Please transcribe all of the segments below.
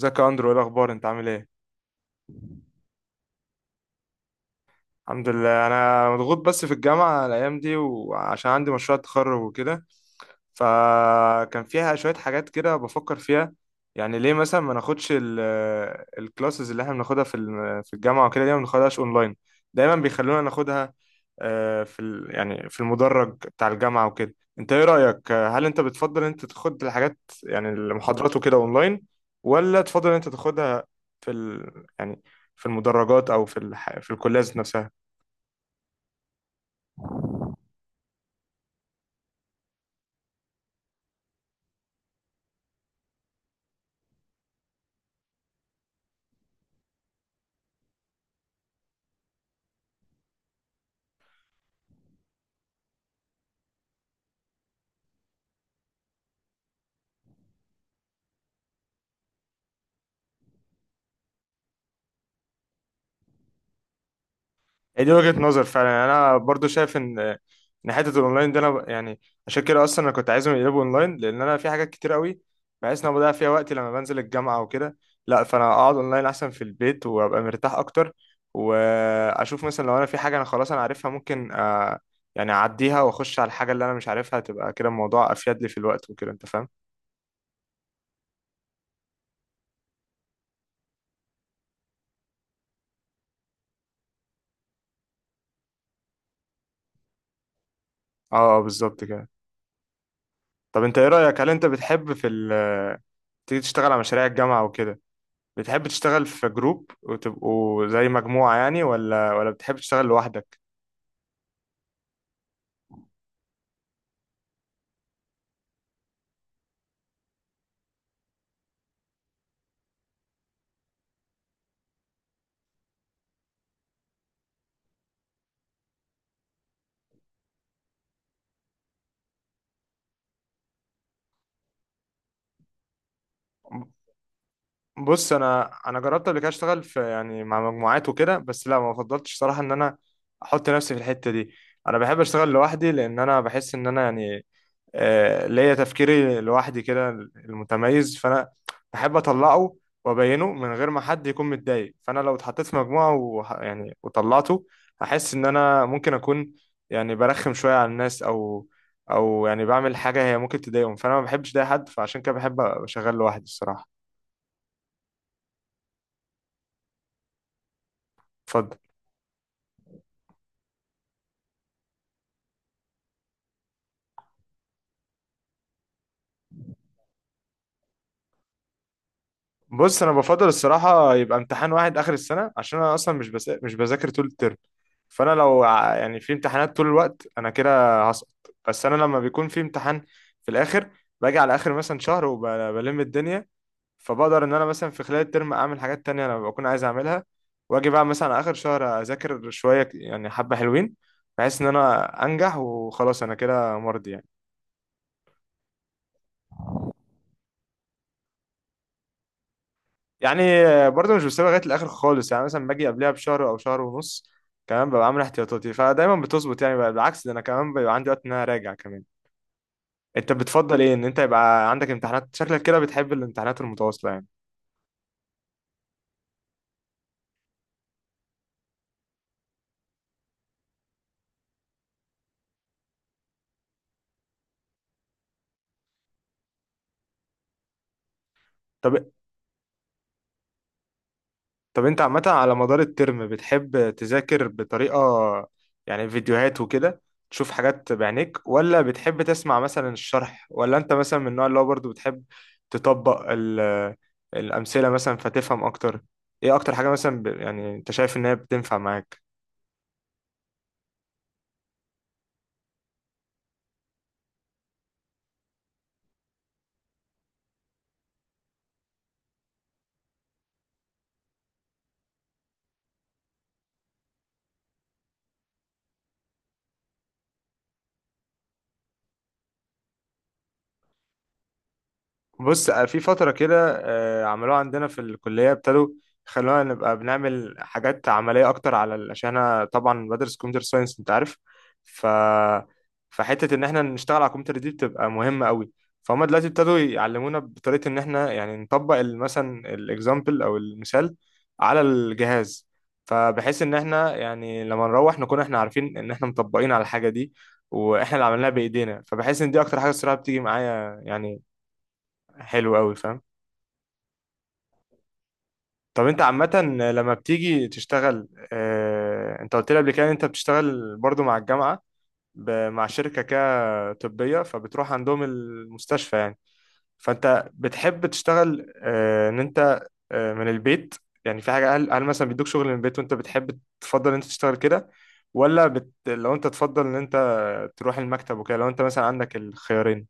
ازيك يا اندرو؟ ايه الاخبار؟ انت عامل ايه؟ الحمد لله، انا مضغوط بس في الجامعه الايام دي، وعشان عندي مشروع تخرج وكده فكان فيها شوية حاجات كده بفكر فيها. يعني ليه مثلا ما ناخدش الكلاسز اللي احنا بناخدها في الجامعة وكده؟ ليه ما بناخدهاش اونلاين؟ دايما بيخلونا ناخدها، يعني في المدرج بتاع الجامعة وكده. انت ايه رأيك؟ هل انت بتفضل انت تاخد الحاجات يعني المحاضرات وكده اونلاين، ولا تفضل انت تاخدها في ال... يعني في المدرجات او في الكلية ذات نفسها؟ هي دي وجهة نظر فعلا. يعني انا برضو شايف ان حته الاونلاين دي، انا يعني عشان كده اصلا انا كنت عايزهم يقلبوا اونلاين، لان انا في حاجات كتير قوي بحيث ان انا بضيع فيها وقتي لما بنزل الجامعه وكده. لا فانا اقعد اونلاين احسن في البيت وابقى مرتاح اكتر، واشوف مثلا لو انا في حاجه انا خلاص انا عارفها ممكن يعني اعديها واخش على الحاجه اللي انا مش عارفها. تبقى كده الموضوع افيد لي في الوقت وكده، انت فاهم؟ اه بالظبط كده. طب انت ايه رايك؟ هل انت بتحب تيجي تشتغل على مشاريع الجامعه وكده؟ بتحب تشتغل في جروب وتبقوا زي مجموعة يعني، ولا بتحب تشتغل لوحدك؟ بص، انا جربت قبل كده اشتغل في، يعني، مع مجموعات وكده، بس لا ما فضلتش صراحة ان انا احط نفسي في الحتة دي. انا بحب اشتغل لوحدي، لان انا بحس ان انا يعني ليا تفكيري لوحدي كده المتميز، فانا بحب اطلعه وابينه من غير ما حد يكون متضايق. فانا لو اتحطيت في مجموعه يعني وطلعته هحس ان انا ممكن اكون يعني برخم شويه على الناس، او او يعني بعمل حاجه هي ممكن تضايقهم، فانا ما بحبش ده حد. فعشان كده بحب ابقى شغال لوحدي الصراحه. اتفضل. بص، انا بفضل الصراحه يبقى امتحان واحد اخر السنه، عشان انا اصلا مش بذاكر طول الترم. فانا لو يعني في امتحانات طول الوقت، انا كده هسقط. بس انا لما بيكون في امتحان في الاخر، باجي على اخر مثلا شهر وبلم الدنيا، فبقدر ان انا مثلا في خلال الترم اعمل حاجات تانية انا بكون عايز اعملها، واجي بقى مثلا على اخر شهر اذاكر شويه، يعني حبه حلوين، بحيث ان انا انجح وخلاص. انا كده مرضي يعني. يعني برضه مش بسيبها لغايه الاخر خالص، يعني مثلا باجي قبلها بشهر او شهر ونص كمان، ببقى عامل احتياطاتي، فدايما بتظبط يعني. بقى بالعكس، ده انا كمان بيبقى عندي وقت ان انا اراجع كمان. انت بتفضل ايه؟ ان انت يبقى عندك امتحانات، شكلك كده بتحب الامتحانات المتواصله يعني؟ طب طب انت عامة، على مدار الترم بتحب تذاكر بطريقة، يعني، فيديوهات وكده، تشوف حاجات بعينيك، ولا بتحب تسمع مثلا الشرح، ولا انت مثلا من النوع اللي هو برضه بتحب تطبق الأمثلة مثلا فتفهم أكتر؟ ايه أكتر حاجة مثلا يعني انت شايف ان هي بتنفع معاك؟ بص، في فترة كده عملوها عندنا في الكلية، ابتدوا خلونا نبقى بنعمل حاجات عملية أكتر على عشان أنا طبعا بدرس كمبيوتر ساينس أنت عارف. ف فحتة إن إحنا نشتغل على الكمبيوتر دي بتبقى مهمة قوي. فهم دلوقتي ابتدوا يعلمونا بطريقة إن إحنا يعني نطبق مثلا الإكزامبل أو المثال على الجهاز، فبحيث إن إحنا يعني لما نروح نكون إحنا عارفين إن إحنا مطبقين على الحاجة دي، وإحنا اللي عملناها بإيدينا. فبحس إن دي أكتر حاجة الصراحة بتيجي معايا يعني. حلو قوي، فاهم. طب انت عامة، لما بتيجي تشتغل، انت قلت لي قبل كده ان انت بتشتغل برضو مع الجامعة، مع شركة كده طبية، فبتروح عندهم المستشفى يعني. فانت بتحب تشتغل، ان انت، اه من البيت؟ يعني في حاجة، هل مثلا بيدوك شغل من البيت وانت بتحب تفضل ان انت تشتغل كده، ولا لو انت تفضل ان انت تروح المكتب وكده، لو انت مثلا عندك الخيارين؟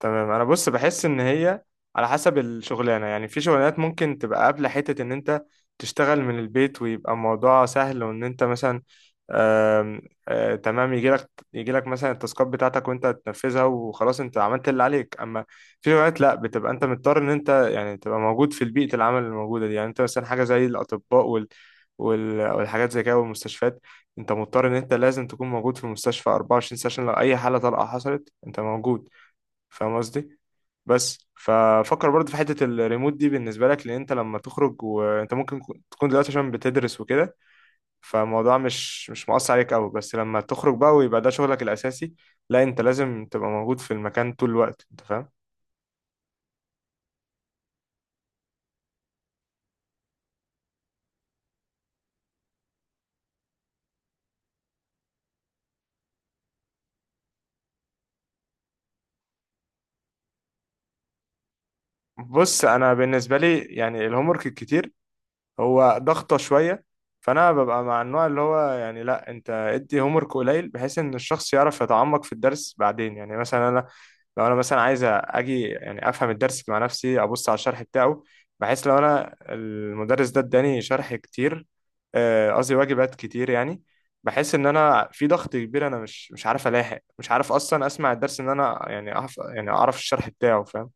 تمام. انا بص بحس ان هي على حسب الشغلانه يعني. في شغلانات ممكن تبقى قابله حته ان انت تشتغل من البيت ويبقى الموضوع سهل، وان انت مثلا، آم، تمام، يجي لك مثلا التاسكات بتاعتك وانت تنفذها وخلاص انت عملت اللي عليك. اما في شغلانات لا، بتبقى انت مضطر ان انت يعني تبقى موجود في البيئه العمل الموجوده دي، يعني انت مثلا حاجه زي الاطباء والحاجات زي كده والمستشفيات. انت مضطر ان انت لازم تكون موجود في المستشفى 24 ساعه، عشان لو اي حاله طارئه حصلت انت موجود. فاهم قصدي؟ بس ففكر برضه في حتة الريموت دي بالنسبة لك، لأن أنت لما تخرج، وأنت ممكن تكون دلوقتي عشان بتدرس وكده فالموضوع مش مؤثر عليك أوي، بس لما تخرج بقى ويبقى ده شغلك الأساسي، لا أنت لازم تبقى موجود في المكان طول الوقت، أنت فاهم. بص، أنا بالنسبة لي يعني الهومورك الكتير هو ضغطة شوية. فأنا ببقى مع النوع اللي هو يعني، لا أنت ادي هومورك قليل بحيث إن الشخص يعرف يتعمق في الدرس بعدين، يعني مثلا أنا لو أنا مثلا عايز أجي يعني أفهم الدرس مع نفسي أبص على الشرح بتاعه، بحيث لو أنا المدرس ده اداني شرح كتير، قصدي واجبات كتير يعني، بحس إن أنا في ضغط كبير، أنا مش عارف ألاحق، مش عارف أصلا أسمع الدرس إن أنا يعني أعرف يعني أعرف الشرح بتاعه، فاهم؟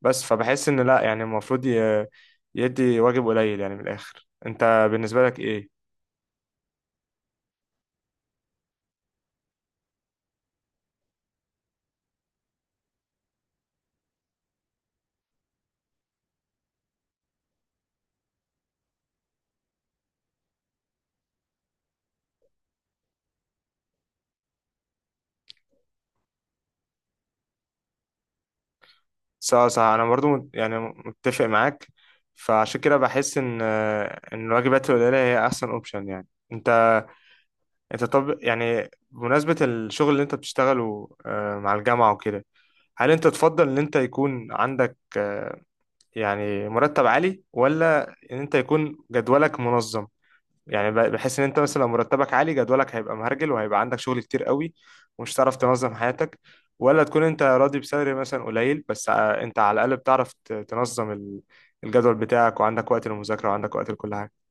بس فبحس ان لا، يعني المفروض يدي واجب قليل يعني. من الاخر، انت بالنسبه لك ايه؟ صح صح، انا برضو يعني متفق معاك، فعشان كده بحس ان الواجبات القليله هي احسن اوبشن يعني. انت، انت طب، يعني بمناسبه الشغل اللي انت بتشتغله مع الجامعه وكده، هل انت تفضل ان انت يكون عندك يعني مرتب عالي، ولا ان انت يكون جدولك منظم؟ يعني بحس ان انت مثلا لو مرتبك عالي جدولك هيبقى مهرجل، وهيبقى عندك شغل كتير قوي ومش هتعرف تنظم حياتك، ولا تكون انت راضي بسالري مثلا قليل بس، انت على الاقل بتعرف تنظم الجدول بتاعك، وعندك وقت للمذاكرة، وعندك وقت لكل حاجة.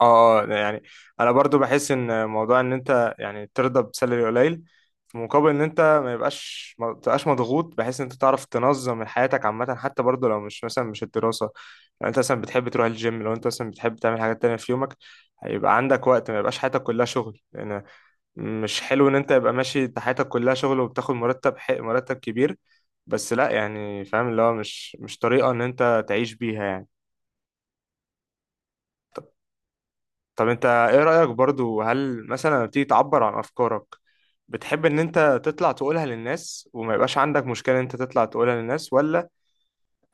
اه ده يعني، انا برضو بحس ان موضوع ان انت يعني ترضى بسالري قليل في مقابل ان انت ما تبقاش مضغوط بحيث ان انت تعرف تنظم من حياتك عامه، حتى برضو لو مش مثلا مش الدراسه، لو انت مثلا بتحب تروح الجيم، لو انت مثلا بتحب تعمل حاجات تانية في يومك هيبقى عندك وقت، ما يبقاش حياتك كلها شغل. لان مش حلو ان انت يبقى ماشي انت حياتك كلها شغل وبتاخد مرتب حق مرتب كبير، بس لا يعني، فاهم، اللي هو مش طريقه ان انت تعيش بيها يعني. طب انت ايه رأيك برضو، هل مثلا لما بتيجي تعبر عن افكارك بتحب ان انت تطلع تقولها للناس وما يبقاش عندك مشكلة ان انت تطلع تقولها للناس، ولا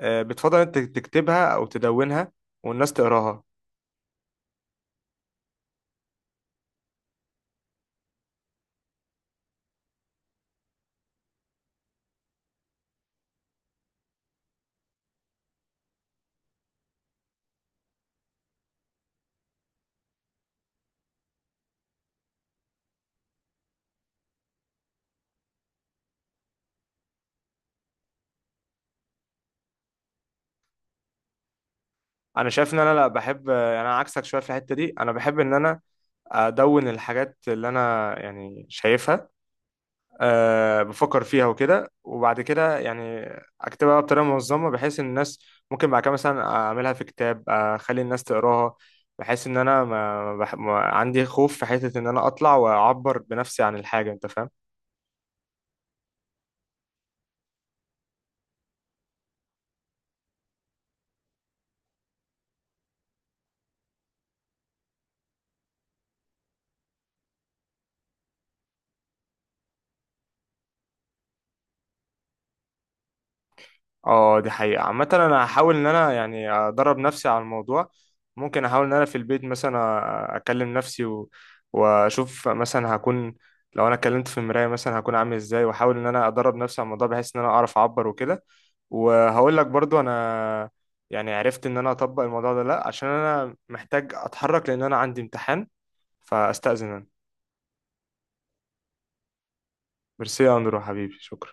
بتفضل انت تكتبها او تدونها والناس تقراها؟ انا شايف ان انا لا، بحب، انا عكسك شوية في الحتة دي. انا بحب ان انا ادون الحاجات اللي انا يعني شايفها، أه بفكر فيها وكده، وبعد كده يعني اكتبها بطريقه منظمه بحيث ان الناس ممكن بعد كده مثلا اعملها في كتاب اخلي الناس تقراها، بحيث ان انا ما عندي خوف في حته ان انا اطلع واعبر بنفسي عن الحاجه، انت فاهم. اه، دي حقيقة عامة. انا هحاول ان انا يعني ادرب نفسي على الموضوع. ممكن احاول ان انا في البيت مثلا اكلم نفسي واشوف مثلا هكون، لو انا اتكلمت في المراية مثلا هكون عامل ازاي، واحاول ان انا ادرب نفسي على الموضوع بحيث ان انا اعرف اعبر وكده. وهقول لك برضو انا يعني عرفت ان انا اطبق الموضوع ده. لا عشان انا محتاج اتحرك، لان انا عندي امتحان، فاستأذن انا. ميرسي يا اندرو حبيبي، شكرا.